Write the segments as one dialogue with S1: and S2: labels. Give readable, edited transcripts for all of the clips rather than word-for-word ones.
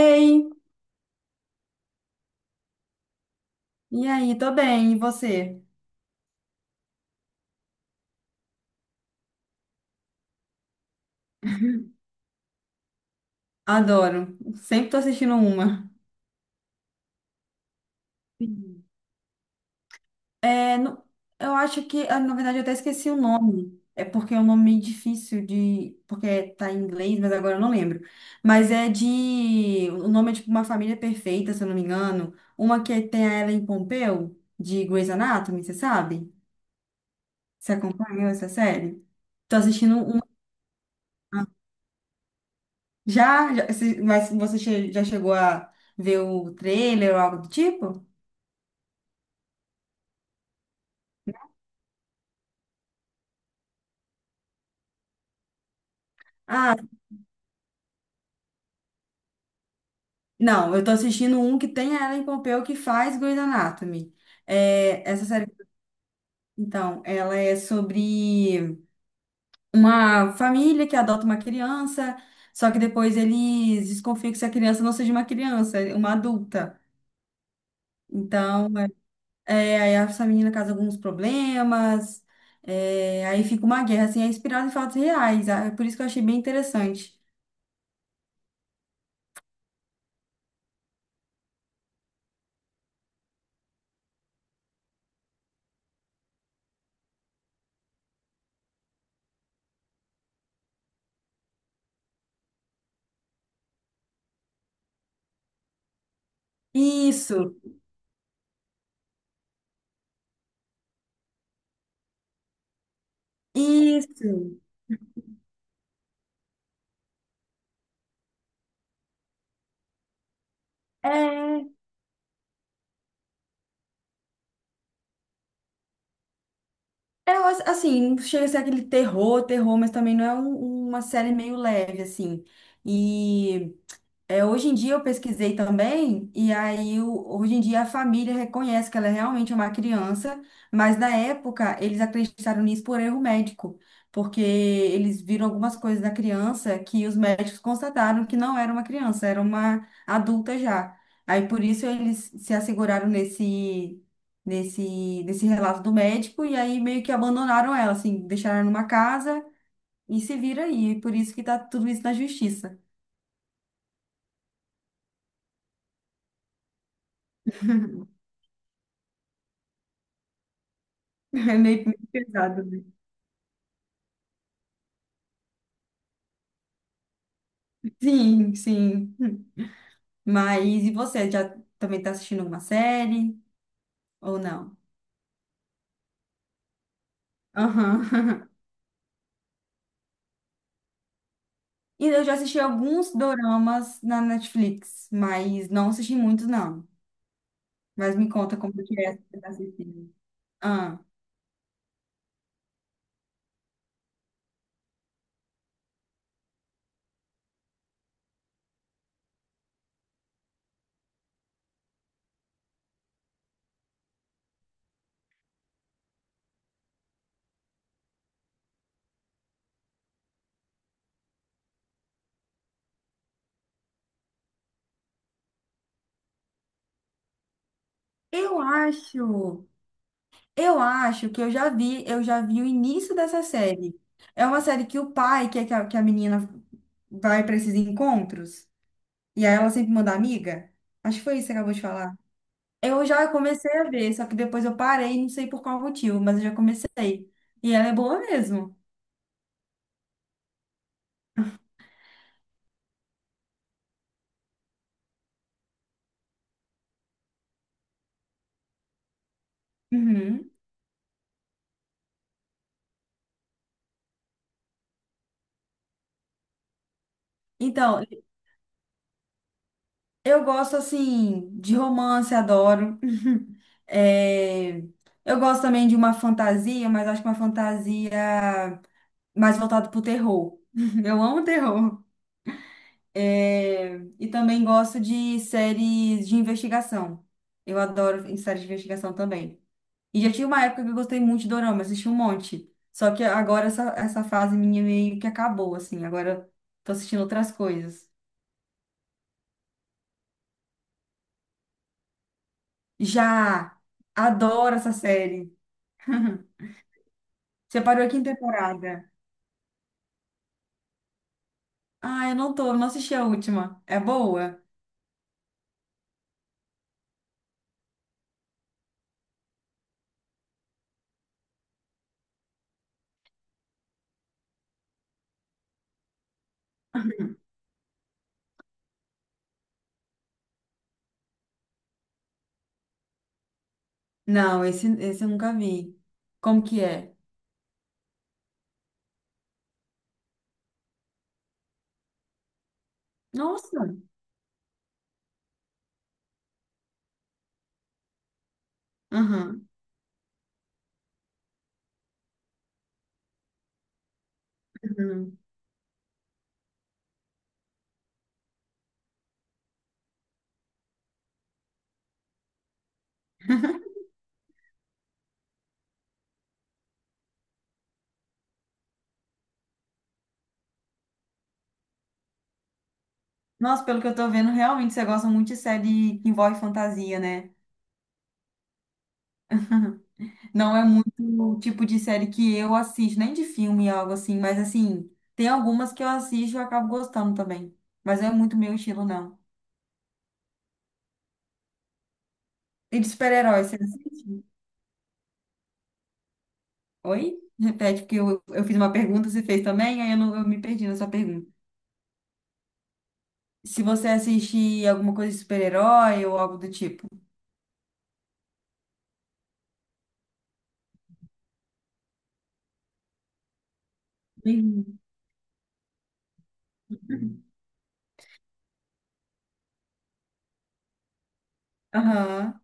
S1: Ei, e aí, tô bem, e você? Adoro. Sempre tô assistindo uma. Sim. É, no- eu acho que, ah, na verdade, eu até esqueci o nome. É porque é um nome meio difícil de. Porque tá em inglês, mas agora eu não lembro. Mas é de. O nome é tipo Uma Família Perfeita, se eu não me engano. Uma que tem a Ellen Pompeu, de Grey's Anatomy, você sabe? Você acompanhou essa série? Tô assistindo uma. Já? Mas você já chegou a ver o trailer ou algo do tipo? Ah, Não, eu tô assistindo um que tem a Ellen Pompeo que faz Grey's Anatomy. É, essa série, então, ela é sobre uma família que adota uma criança, só que depois eles desconfiam que essa criança não seja uma criança, é uma adulta. Então, aí essa menina causa alguns problemas, aí fica uma guerra, assim, é inspirada em fatos reais, ah, é por isso que eu achei bem interessante. Isso, isso. É, É, assim, não chega a ser aquele terror, terror, mas também não é uma série meio leve, assim. E é, hoje em dia eu pesquisei também, hoje em dia a família reconhece que ela é realmente uma criança, mas na época eles acreditaram nisso por erro médico, porque eles viram algumas coisas na criança que os médicos constataram que não era uma criança, era uma adulta já. Aí por isso eles se asseguraram nesse relato do médico, e aí meio que abandonaram ela, assim, deixaram ela numa casa e se vira aí. Por isso que tá tudo isso na justiça. É meio pesado, né? Sim, sim. Mas e você, já também tá assistindo alguma série ou não? Aham. E eu já assisti alguns doramas na Netflix, mas não assisti muitos, não. Mas me conta como que é que você tá assistindo. Ah, eu acho, eu acho que eu já vi o início dessa série. É uma série que o pai, que, é que a menina vai para esses encontros, e aí ela sempre manda amiga. Acho que foi isso que você acabou de falar. Eu já comecei a ver, só que depois eu parei, não sei por qual motivo, mas eu já comecei. E ela é boa mesmo. Uhum. Então, eu gosto assim de romance, adoro. É, eu gosto também de uma fantasia, mas acho que uma fantasia mais voltada pro terror. Eu amo terror. É, e também gosto de séries de investigação. Eu adoro séries de investigação também. E já tinha uma época que eu gostei muito de dorama, assisti um monte. Só que agora essa fase minha meio que acabou, assim. Agora tô assistindo outras coisas. Já! Adoro essa série. Você parou aqui em temporada? Ah, eu não tô, não assisti a última. É boa? Não, esse eu nunca vi. Como que é? Nossa! Aham. Uhum. Nossa, pelo que eu tô vendo, realmente você gosta muito de série que envolve fantasia, né? Não é muito o tipo de série que eu assisto, nem de filme, algo assim, mas assim, tem algumas que eu assisto e eu acabo gostando também. Mas não é muito meu estilo, não. E de super-heróis, você assiste? Oi? Repete, porque eu fiz uma pergunta, você fez também, aí eu, não, eu me perdi na sua pergunta. Se você assiste alguma coisa de super-herói ou algo do tipo. Sim. Aham.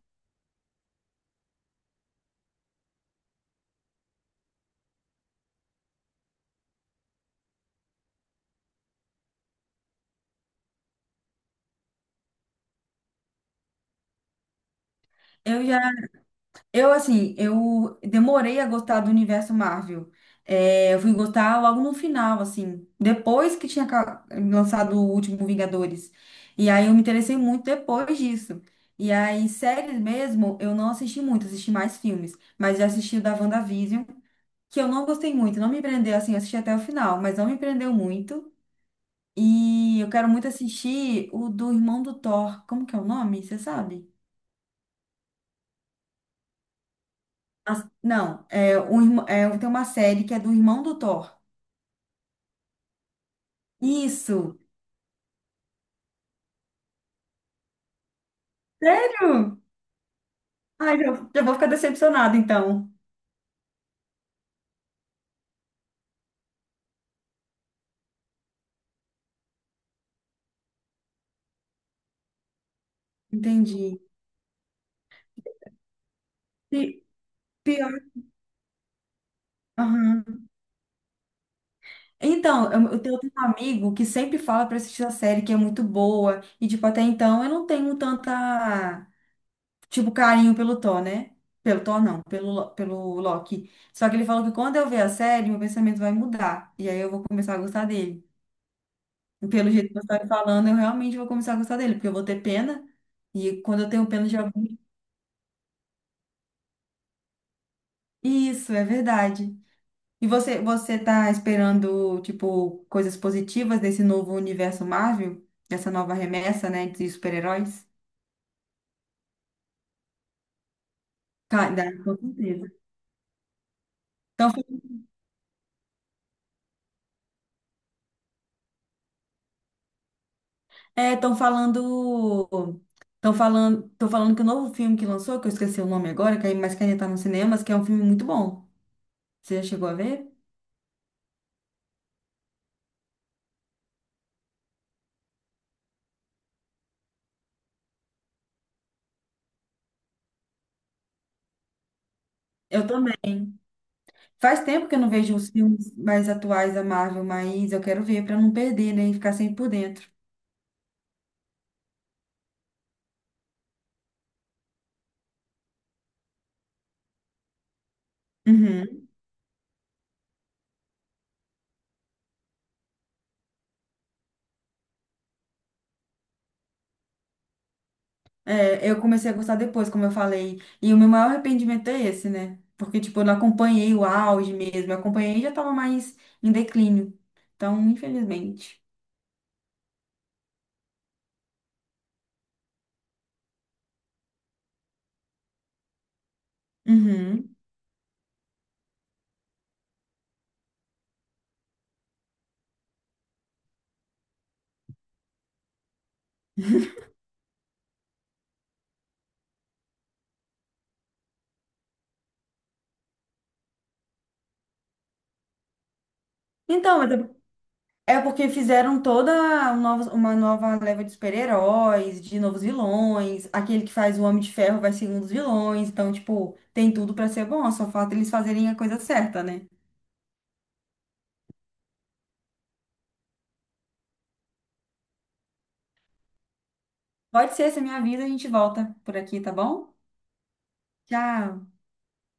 S1: Eu já Eu, assim, eu demorei a gostar do universo Marvel. É, eu fui gostar logo no final, assim, depois que tinha lançado o último Vingadores. E aí eu me interessei muito depois disso. E aí, séries mesmo, eu não assisti muito, assisti mais filmes. Mas já assisti o da WandaVision, que eu não gostei muito, não me prendeu, assim, eu assisti até o final, mas não me prendeu muito. E eu quero muito assistir o do irmão do Thor. Como que é o nome? Você sabe? Não, é, um, é, tem uma série que é do irmão do Thor. Isso! Sério? Ai, já vou ficar decepcionada, então. Entendi. Pi- Pior. Aham. Então, eu tenho um amigo que sempre fala pra assistir a série que é muito boa. E, tipo, até então eu não tenho tanta, tipo, carinho pelo Thor, né? Pelo Thor, não, pelo Loki. Só que ele falou que quando eu ver a série, meu pensamento vai mudar. E aí eu vou começar a gostar dele. E pelo jeito que você está me falando, eu realmente vou começar a gostar dele, porque eu vou ter pena. E quando eu tenho pena de alguém. Isso, é verdade. E você tá esperando, tipo, coisas positivas desse novo universo Marvel? Dessa nova remessa, né, de super-heróis? Tá, dá, com certeza. Então, é, estão falando. Estão falando que o novo filme que lançou, que eu esqueci o nome agora, mas que ainda tá nos cinemas, que é um filme muito bom. Você já chegou a ver? Eu também. Faz tempo que eu não vejo os filmes mais atuais da Marvel, mas eu quero ver para não perder, né? E ficar sempre por dentro. Uhum. É, eu comecei a gostar depois, como eu falei. E o meu maior arrependimento é esse, né? Porque, tipo, eu não acompanhei o auge mesmo. Eu acompanhei e já tava mais em declínio. Então, infelizmente. Uhum. Então, é porque fizeram toda uma nova leva de super-heróis, de novos vilões. Aquele que faz o Homem de Ferro vai ser um dos vilões. Então, tipo, tem tudo pra ser bom. Só falta eles fazerem a coisa certa, né? Pode ser, você me avisa, a gente volta por aqui, tá bom? Tchau.